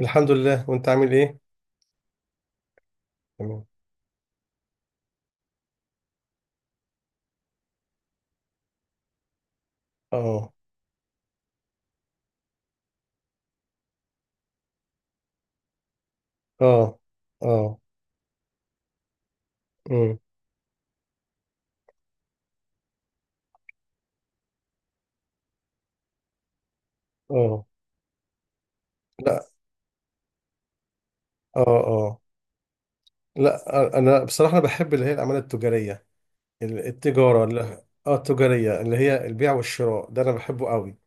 الحمد لله، وانت عامل ايه؟ تمام. اه. اه. اه. امم. اه. لا. اه. اه. لا، انا بصراحه انا بحب اللي هي الاعمال التجاريه. ال- التجاره اللي اه التجاريه اللي هي البيع والشراء ده انا بحبه قوي.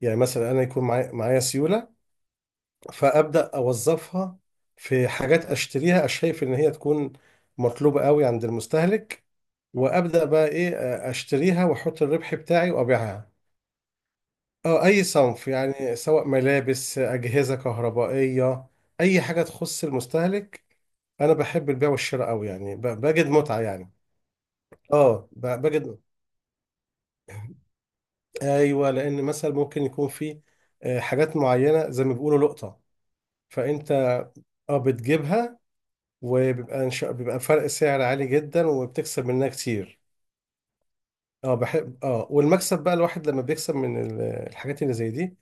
يعني مثلا انا يكون معايا سيوله، فابدا اوظفها في حاجات اشتريها، شايف ان هي تكون مطلوبه قوي عند المستهلك، وابدا بقى ايه، اشتريها واحط الربح بتاعي وابيعها. اه اي صنف، يعني سواء ملابس، اجهزه كهربائيه، اي حاجه تخص المستهلك. انا بحب البيع والشراء قوي، يعني بجد متعه يعني. اه. بجد. ايوه، لان مثلا ممكن يكون في حاجات معينه زي ما بيقولوا لقطه، فانت اه بتجيبها، وبيبقى إن شاء- بيبقى فرق سعر عالي جدا وبتكسب منها كتير. اه، بحب. اه والمكسب بقى، الواحد لما بيكسب من الحاجات اللي زي دي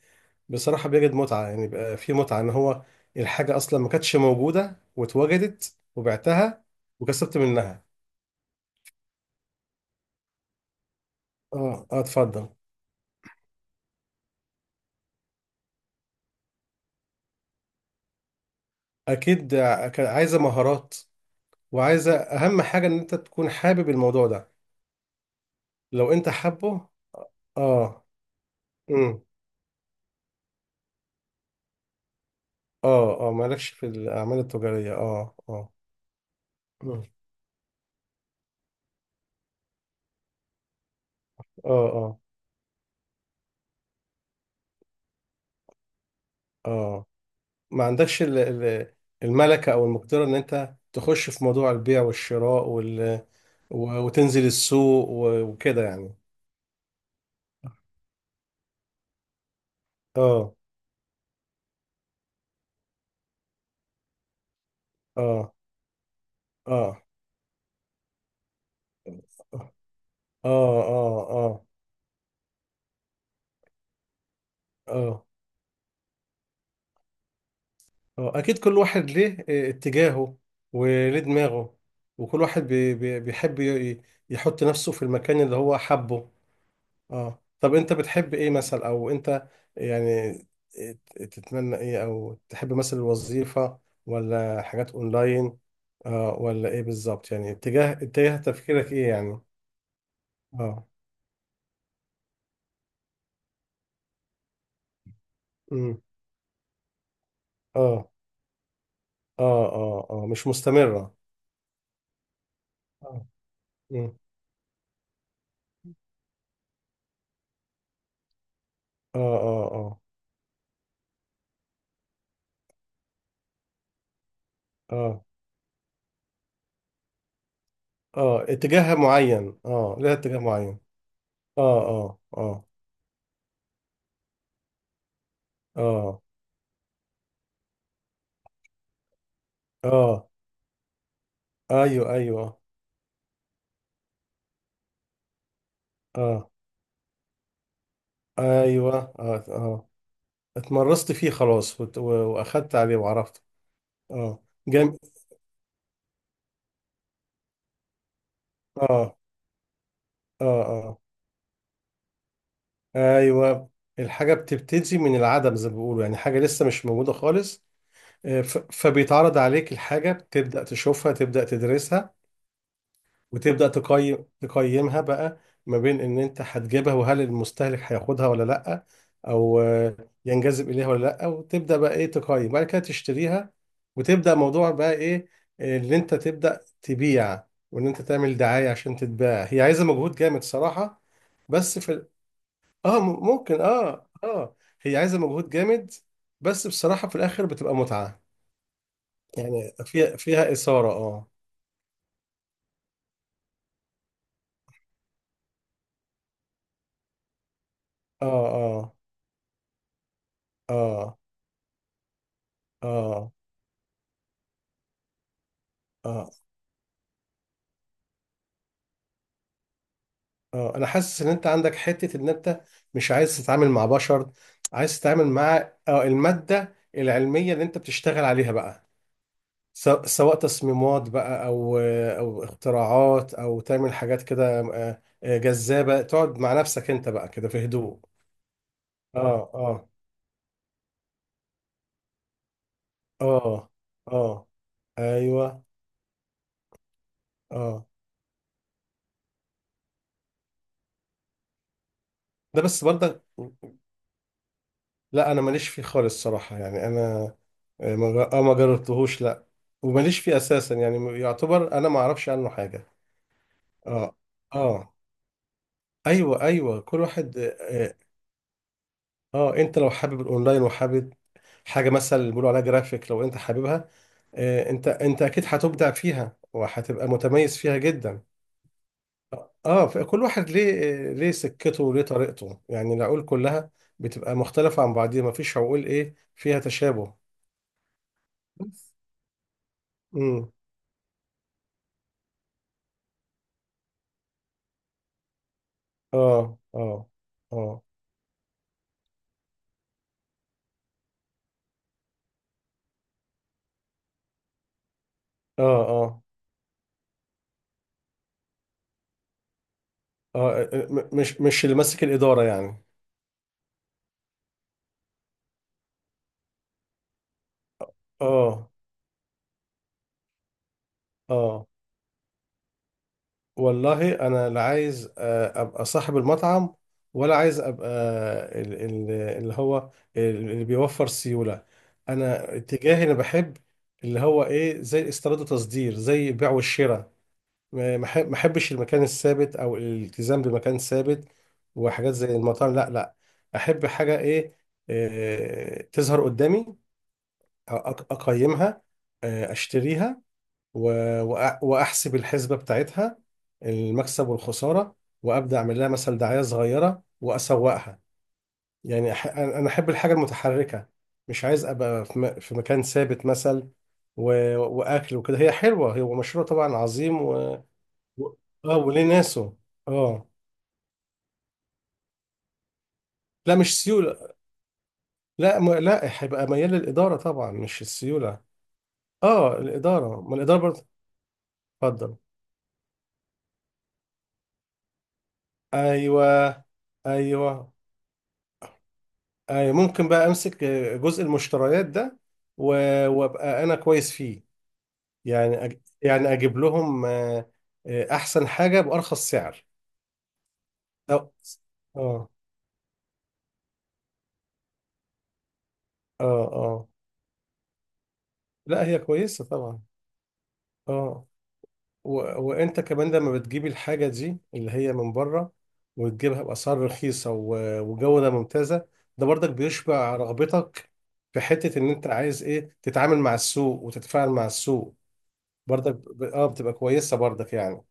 بصراحة بيجد متعة، يعني بقى في متعة إن هو الحاجة أصلا ما كانتش موجودة واتوجدت وبعتها وكسبت منها. اه. اه. اتفضل. أكيد، كان عايزة مهارات، وعايزة أهم حاجة إن أنت تكون حابب الموضوع ده، لو أنت حابه. اه. امم. اه. اه. مالكش في الأعمال التجارية. اه. اه. مم. اه. اه. اه. ما عندكش الملكة أو المقدرة إن أنت تخش في موضوع البيع والشراء، وتنزل السوق وكده يعني. اه. اه. اه. اه. اه. اه. اه. اه. اكيد كل واحد ليه اتجاهه وليه دماغه، وكل واحد بي بي بيحب يحط نفسه في المكان اللي هو حبه. اه. طب انت بتحب ايه مثلا، او انت يعني تتمنى ايه، او تحب مثلا الوظيفة ولا حاجات اونلاين؟ ولا ايه بالظبط، يعني اتجاه تفكيرك ايه يعني؟ اه. اه. اه. اه. اه. مش مستمرة. آه. مم. اه. اه. اه. اه. اه. اتجاه معين، لها اتجاه معين. اه. اه. اه. اه. اه. ايوه. ايوه. اه. ايوه. اه. اه. اتمرست فيه خلاص واخدت عليه وعرفت. اه. جم... اه. اه. اه. ايوه. الحاجة بتبتدي من العدم زي ما بيقولوا، يعني حاجة لسه مش موجودة خالص. فبيتعرض عليك الحاجة، بتبدأ تشوفها، تبدأ تدرسها، وتبدأ تقيمها بقى، ما بين ان انت هتجيبها وهل المستهلك هياخدها ولا لا، او ينجذب اليها ولا لا، وتبدأ بقى ايه، تقيم بعد كده تشتريها، وتبدأ موضوع بقى ايه، اللي انت تبدأ تبيع، وان انت تعمل دعاية عشان تتباع. هي عايزة مجهود جامد صراحة. بس، اه. ممكن. اه. اه. هي عايزة مجهود جامد، بس بصراحة في الاخر بتبقى متعة. يعني فيها إثارة اه اه. اه. اه. اه. اه. اه. انا حاسس ان انت عندك حتة ان انت مش عايز تتعامل مع بشر، عايز تتعامل مع المادة العلمية اللي انت بتشتغل عليها بقى، سواء تصميمات بقى، او اختراعات، او تعمل حاجات كده جذابة، تقعد مع نفسك انت بقى كده في هدوء. اه. اه. اه. اه. ايوه. اه. ده بس برضه. لا، انا ماليش فيه خالص صراحة، يعني انا آه، ما جر- آه، ما جربتهوش لا، وماليش فيه اساسا، يعني يعتبر انا ما اعرفش عنه حاجه. اه. اه. ايوه. ايوه. كل واحد اه, انت لو حابب الاونلاين وحابب حاجه مثلا اللي بيقولوا عليها جرافيك، لو انت حاببها، انت اكيد هتبدع فيها وهتبقى متميز فيها جدا. اه. فكل واحد ليه ليه سكته وليه طريقته، يعني العقول كلها بتبقى مختلفه عن بعضيها، ما فيش عقول ايه فيها تشابه. بس. امم. اه. اه. اه. اه. اه. اه. مش اللي ماسك الإدارة يعني. اه. اه. والله، انا لا عايز ابقى صاحب المطعم، ولا عايز ابقى ال- ال- اللي هو اللي بيوفر سيولة. انا اتجاهي، انا بحب اللي هو ايه، زي استيراد وتصدير، زي البيع والشراء. ما احبش المكان الثابت او الالتزام بمكان ثابت، وحاجات زي المطاعم لا، لا. احب حاجة ايه، تظهر قدامي، اقيمها، اشتريها، واحسب الحسبه بتاعتها، المكسب والخساره، وابدا اعمل لها مثلا دعايه صغيره واسوقها. يعني انا احب الحاجه المتحركه، مش عايز ابقى في مكان ثابت مثلا، واكل وكده. هي حلوه، هو مشروع طبعا عظيم. و- اه وليه ناسه. اه. لا، مش سيوله. لا، هيبقى ميال للاداره طبعا مش السيوله. اه، الاداره. ما الاداره برضه. اتفضل. ايوه. ايوه. ايوه. ممكن بقى امسك جزء المشتريات ده، وابقى انا كويس فيه. يعني اجيب لهم احسن حاجه بارخص سعر. أو... اه. اه. اه. لا، هي كويسه طبعا. اه. و... وانت كمان لما بتجيبي الحاجه دي اللي هي من بره، وتجيبها باسعار رخيصه وجوده ممتازه، ده برضك بيشبع رغبتك في حته ان انت عايز ايه تتعامل مع السوق وتتفاعل مع السوق. برضك ب... اه بتبقى كويسة برضك يعني.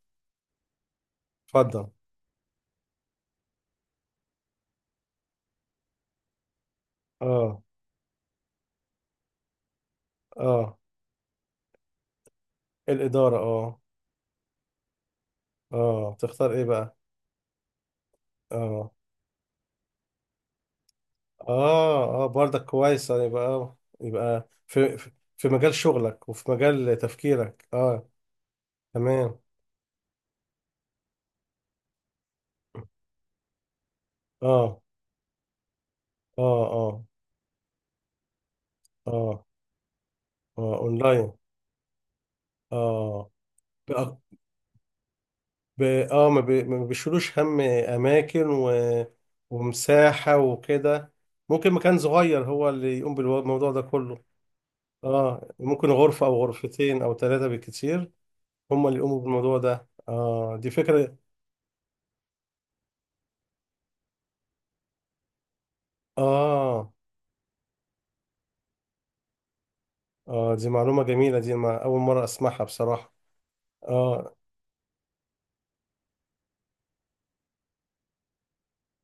اتفضل. اه. اه. الإدارة. اه. اه. تختار ايه بقى؟ اه. اه. اه. برضك كويسة، يبقى في مجال شغلك وفي مجال تفكيرك. اه. تمام. اه. اه. اه. اه. اه. اونلاين. اه. بقى- ب... اه ما, بي... ما بيشيلوش هم اماكن ومساحة وكده. ممكن مكان صغير هو اللي يقوم بالموضوع ده كله. اه. ممكن غرفة او غرفتين او ثلاثة بالكتير، هم اللي يقوموا بالموضوع ده. اه دي فكرة. اه. اه. دي معلومة جميلة، دي ما اول مرة اسمعها بصراحة. اه.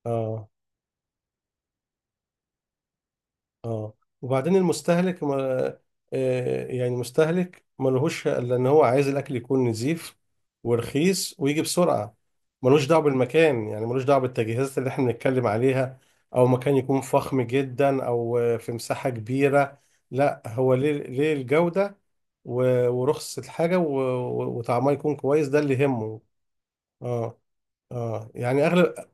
اه. اه. وبعدين المستهلك، ما آه، يعني مستهلك ملهوش الا ان هو عايز الاكل يكون نظيف ورخيص ويجي بسرعه. ملوش دعوه بالمكان، يعني ملوش دعوه بالتجهيزات اللي احنا بنتكلم عليها، او مكان يكون فخم جدا او في مساحه كبيره. لا، هو ليه، الجوده، ورخص الحاجه وطعمها يكون كويس، ده اللي يهمه. اه. اه. يعني اغلب.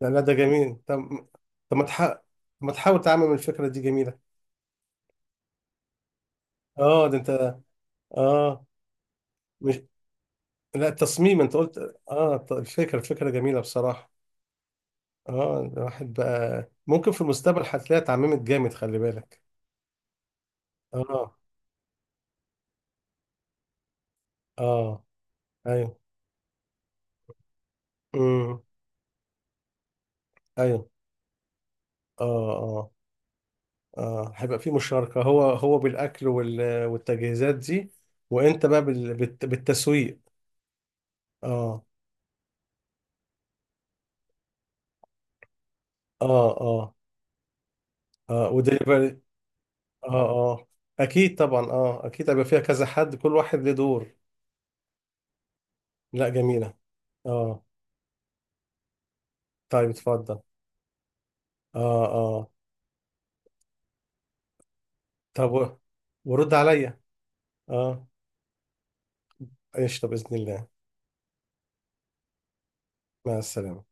لا، ده جميل. طب. طب، ما تحاول تعمم الفكره دي؟ جميله. اه. ده انت. اه مش لا، التصميم انت قلت. اه. الفكره جميله بصراحه. اه. الواحد بقى ممكن في المستقبل هتلاقيها اتعممت جامد، خلي بالك. اه. اه. ايوه. امم. ايوه. اه. اه. اه. هيبقى في مشاركه، هو بالاكل والتجهيزات دي، وانت بقى بالتسويق. اه. اه. اه. اه. ودليفري. اه. اه. اكيد طبعا. اه. اكيد هيبقى فيها كذا حد، كل واحد له دور. لا، جميله. اه. طيب. اتفضل. اه. اه. طب، ورد عليا. اه. قشطة بإذن الله. مع السلامة.